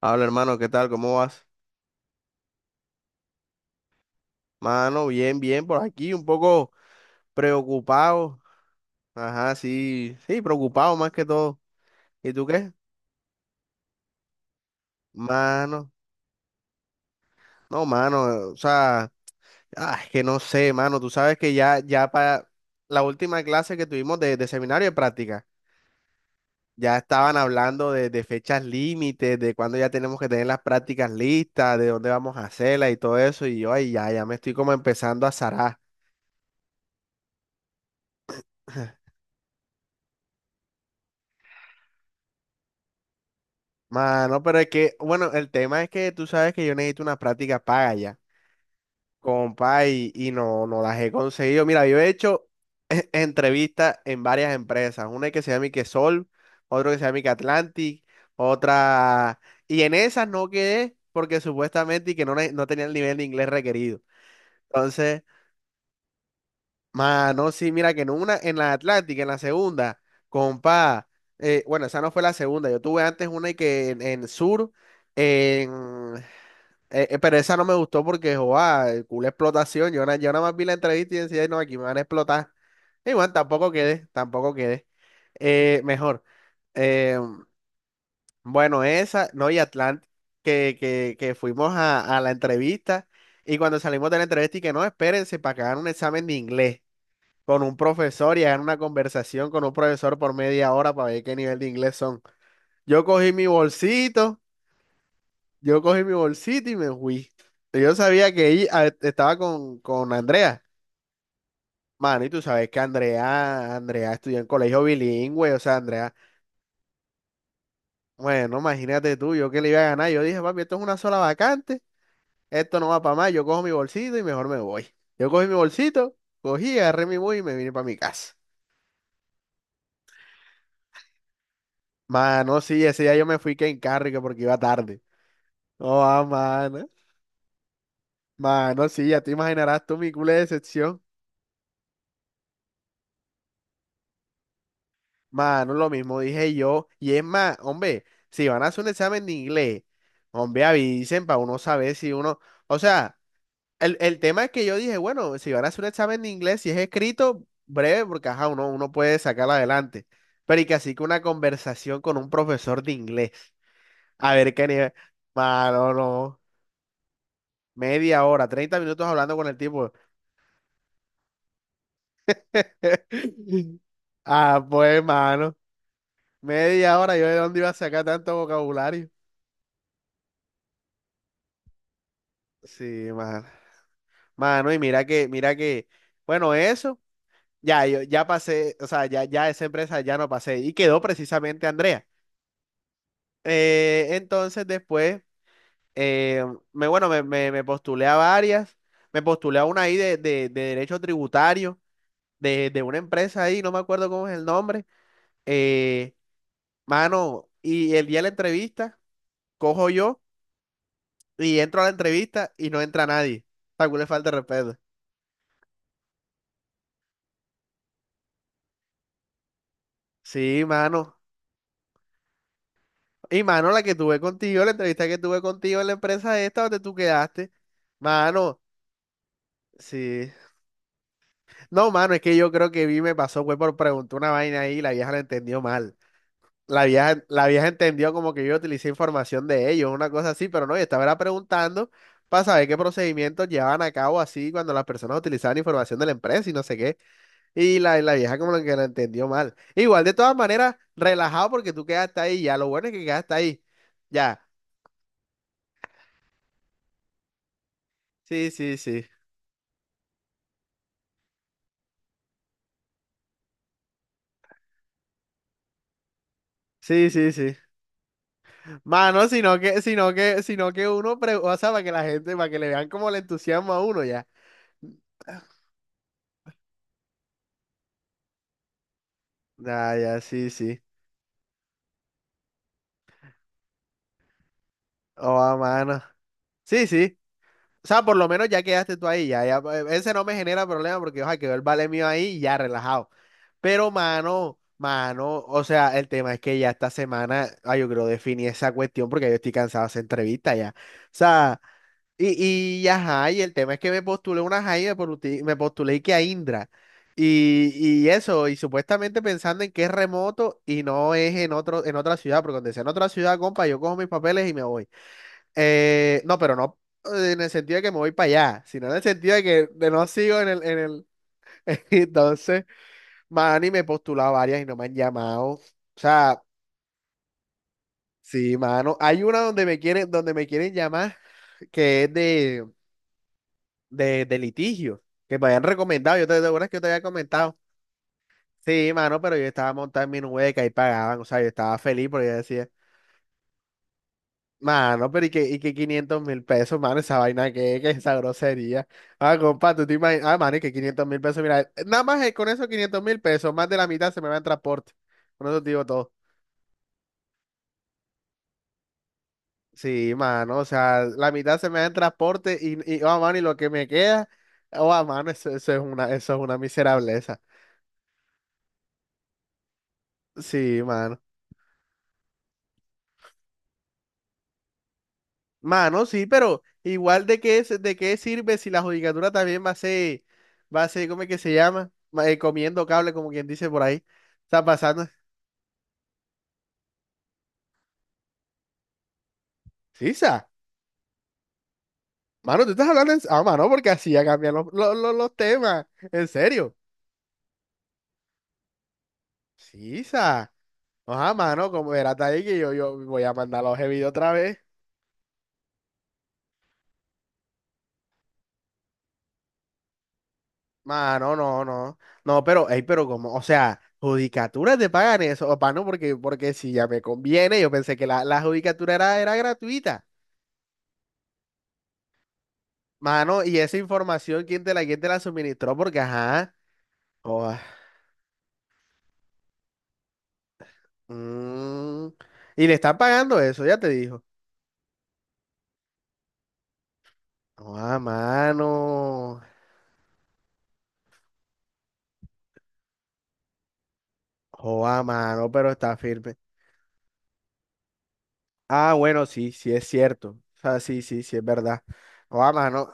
Habla, hermano, ¿qué tal? ¿Cómo vas? Mano, bien, bien, por aquí, un poco preocupado. Ajá, sí, sí, preocupado más que todo. ¿Y tú qué? Mano, no, mano, o sea, es que no sé, mano, tú sabes que ya, ya para la última clase que tuvimos de seminario de práctica, ya estaban hablando de fechas límites, de cuándo ya tenemos que tener las prácticas listas, de dónde vamos a hacerlas y todo eso, y yo, ay, ya, ya me estoy como empezando a zarar. Mano, pero es que, bueno, el tema es que tú sabes que yo necesito una práctica paga ya, compa, y no, no las he conseguido. Mira, yo he hecho entrevistas en varias empresas, una que se llama que Sol, otro que se llama que Atlantic, otra, y en esas no quedé porque supuestamente y que no, no tenía el nivel de inglés requerido. Entonces, mano, sí, mira que en una, en la Atlantic, en la segunda, compa, bueno, esa no fue la segunda, yo tuve antes una y que en Sur. En Pero esa no me gustó porque, joa, el culo explotación. Yo nada más vi la entrevista y decía, "Ay, no, aquí me van a explotar." Y bueno, tampoco quedé, tampoco quedé. Mejor. Eh, bueno, esa, no, y Atlant, que fuimos a la entrevista y cuando salimos de la entrevista y que no, espérense para que hagan un examen de inglés con un profesor y hagan una conversación con un profesor por media hora para ver qué nivel de inglés son. Yo cogí mi bolsito. Yo cogí mi bolsita y me fui. Yo sabía que ella estaba con Andrea. Mano, y tú sabes que Andrea, Andrea estudió en colegio bilingüe, o sea, Andrea, bueno, imagínate tú, yo que le iba a ganar. Yo dije, papi, esto es una sola vacante, esto no va para más, yo cojo mi bolsito y mejor me voy. Yo cogí mi bolsito, cogí, agarré mi bus y me vine para mi casa. Mano, sí, ese día yo me fui que en carro y que porque iba tarde. Oh, ah, mano. Mano, sí, ya te imaginarás tú mi culo de decepción. Mano, lo mismo dije yo. Y es más, hombre, si van a hacer un examen de inglés, hombre, avisen para uno saber si uno. O sea, el tema es que yo dije, bueno, si van a hacer un examen de inglés, si es escrito, breve, porque ajá, uno puede sacarlo adelante. Pero y que así que una conversación con un profesor de inglés. A ver qué nivel. Mano, no. Media hora, 30 minutos hablando con el tipo. Ah, pues, mano. Media hora, yo de dónde iba a sacar tanto vocabulario. Sí, mano. Mano, y mira que, bueno, eso, ya, yo ya pasé, o sea, ya, ya esa empresa ya no pasé y quedó precisamente Andrea. Entonces después, eh, bueno, me postulé a varias, me postulé a una ahí de derecho tributario, de una empresa ahí, no me acuerdo cómo es el nombre. Eh, Mano, y el día de la entrevista, cojo yo y entro a la entrevista y no entra nadie. Tal le falta de respeto. Sí, mano. Y mano, la que tuve contigo, la entrevista que tuve contigo en la empresa esta donde tú quedaste. Mano, sí. No, mano, es que yo creo que vi, me pasó, fue por preguntar una vaina ahí y la vieja la entendió mal. La vieja entendió como que yo utilicé información de ellos, una cosa así, pero no, yo estaba era preguntando para saber qué procedimientos llevaban a cabo así cuando las personas utilizaban información de la empresa y no sé qué. Y la vieja como que la entendió mal. Igual, de todas maneras, relajado porque tú quedaste ahí, ya lo bueno es que quedaste ahí. Ya, sí, sí, sí. Sí, sí, sí. Mano, sino que uno, o sea, para que la gente, para que le vean como le entusiasma a uno ya. Ah, ya, sí, sí. Oh, a mano. Sí, sí. O sea, por lo menos ya quedaste tú ahí, ya, ya. Ese no me genera problema porque, ojalá quedó el vale mío ahí y ya relajado. Pero, mano, mano, o sea, el tema es que ya esta semana, ay, yo creo definí esa cuestión porque yo estoy cansado de esa entrevista ya. O sea. Y ajá, y el tema es que me postulé una Jaime, me postulé que a Indra. Y, y eso, y supuestamente pensando en que es remoto y no es en otro, en otra ciudad, porque cuando sea en otra ciudad, compa, yo cojo mis papeles y me voy. No, pero no, en el sentido de que me voy para allá, sino en el sentido de que de no sigo en el. Entonces, mano, y me he postulado varias y no me han llamado. O sea, sí, mano. Hay una donde me quieren llamar, que es de litigio, que me habían recomendado, ¿te acuerdas que yo te había comentado? Sí, mano, pero yo estaba montado en mi nubeca y pagaban, o sea, yo estaba feliz porque yo decía, mano, pero y que $500.000, mano, esa vaina que esa grosería. Ah, compa, tú te imaginas, ah, mano, y que $500.000, mira, nada más con esos $500.000, más de la mitad se me va en transporte. Con eso te digo todo. Sí, mano, o sea, la mitad se me da en transporte y oh, mano, y lo que me queda, oh, ah, mano, eso es una miserableza. Sí, mano. Mano, sí, pero igual de qué, de qué sirve si la judicatura también va a ser, ¿cómo es que se llama? Comiendo cable, como quien dice por ahí. Está pasando. Sí, sa. Mano, tú estás hablando en. Ah, mano, porque así ya cambian los temas. En serio. Sí, sa. Ajá, mano, como verás ahí que yo voy a mandar los videos otra vez. Mano, no, no. No, pero, ey, pero como, o sea, judicatura te pagan eso, o no, porque si ya me conviene, yo pensé que la judicatura era gratuita. Mano, y esa información, quién te la suministró? Porque, ajá. Joda, mm, y le están pagando eso, ya te dijo. Joda, mano. Joda, mano, pero está firme. Ah, bueno, sí, sí es cierto. O sea, sí, sí, sí es verdad. Joda, mano.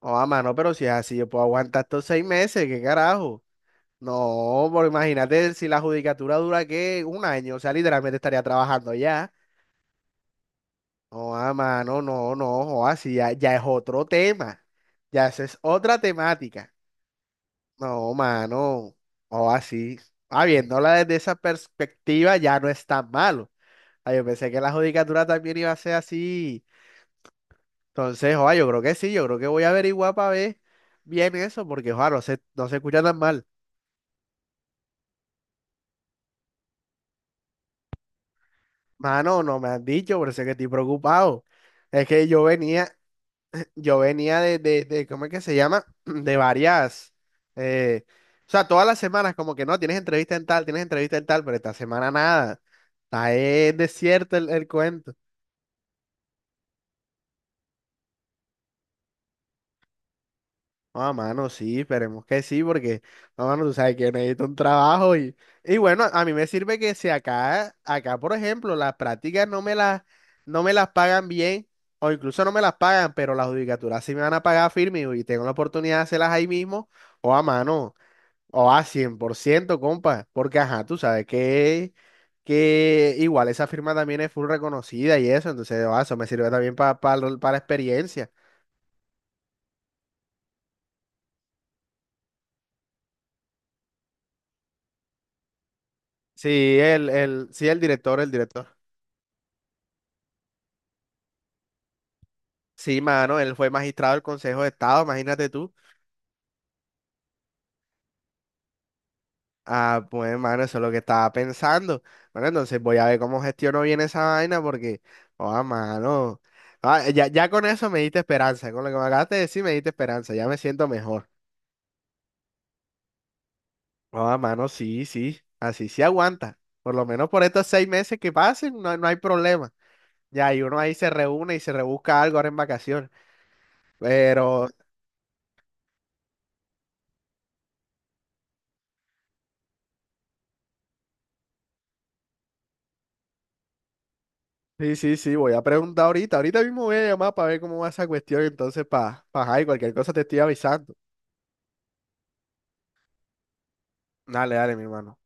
Joda, mano, pero si es así, yo puedo aguantar estos 6 meses, ¿qué carajo? No, pero imagínate si la judicatura dura, ¿qué? Un año. O sea, literalmente estaría trabajando ya. Joda, mano, no, no, joda, sí, ya, ya es otro tema. Ya, esa es otra temática. No, mano. O así. Ah, viéndola desde esa perspectiva ya no es tan malo. Ah, yo pensé que la judicatura también iba a ser así. Entonces, oa, yo creo que sí, yo creo que voy a averiguar para ver bien eso, porque oa, no se, no se escucha tan mal. Mano, no me han dicho, por eso es que estoy preocupado. Es que yo venía. ¿Cómo es que se llama? De varias. eh, o sea, todas las semanas, como que no, tienes entrevista en tal, tienes entrevista en tal, pero esta semana nada. Está desierto el cuento. Ah, mano, sí, esperemos que sí, porque, no, mano, tú sabes que necesito un trabajo y bueno, a mí me sirve que si acá, acá, por ejemplo, las prácticas no me las, no me las pagan bien, o incluso no me las pagan, pero las judicaturas sí me van a pagar firme y tengo la oportunidad de hacerlas ahí mismo, o a mano, o a 100% compa, porque ajá, tú sabes que, igual esa firma también es full reconocida y eso, entonces, ah, eso me sirve también para la experiencia. Sí, el, sí, el director, el director. Sí, mano, él fue magistrado del Consejo de Estado, imagínate tú. Ah, pues, mano, eso es lo que estaba pensando. Bueno, entonces voy a ver cómo gestiono bien esa vaina porque, oh, mano. Ah, ya, ya con eso me diste esperanza, con lo que me acabaste de decir me diste esperanza, ya me siento mejor. Oh, mano, sí, sí, así sí aguanta. Por lo menos por estos 6 meses que pasen, no, no hay problema. Ya, y uno ahí se reúne y se rebusca algo ahora en vacaciones. Pero. Sí, sí, sí, voy a preguntar ahorita. Ahorita mismo voy a llamar para ver cómo va esa cuestión. Entonces, para, cualquier cosa te estoy avisando. Dale, dale, mi hermano.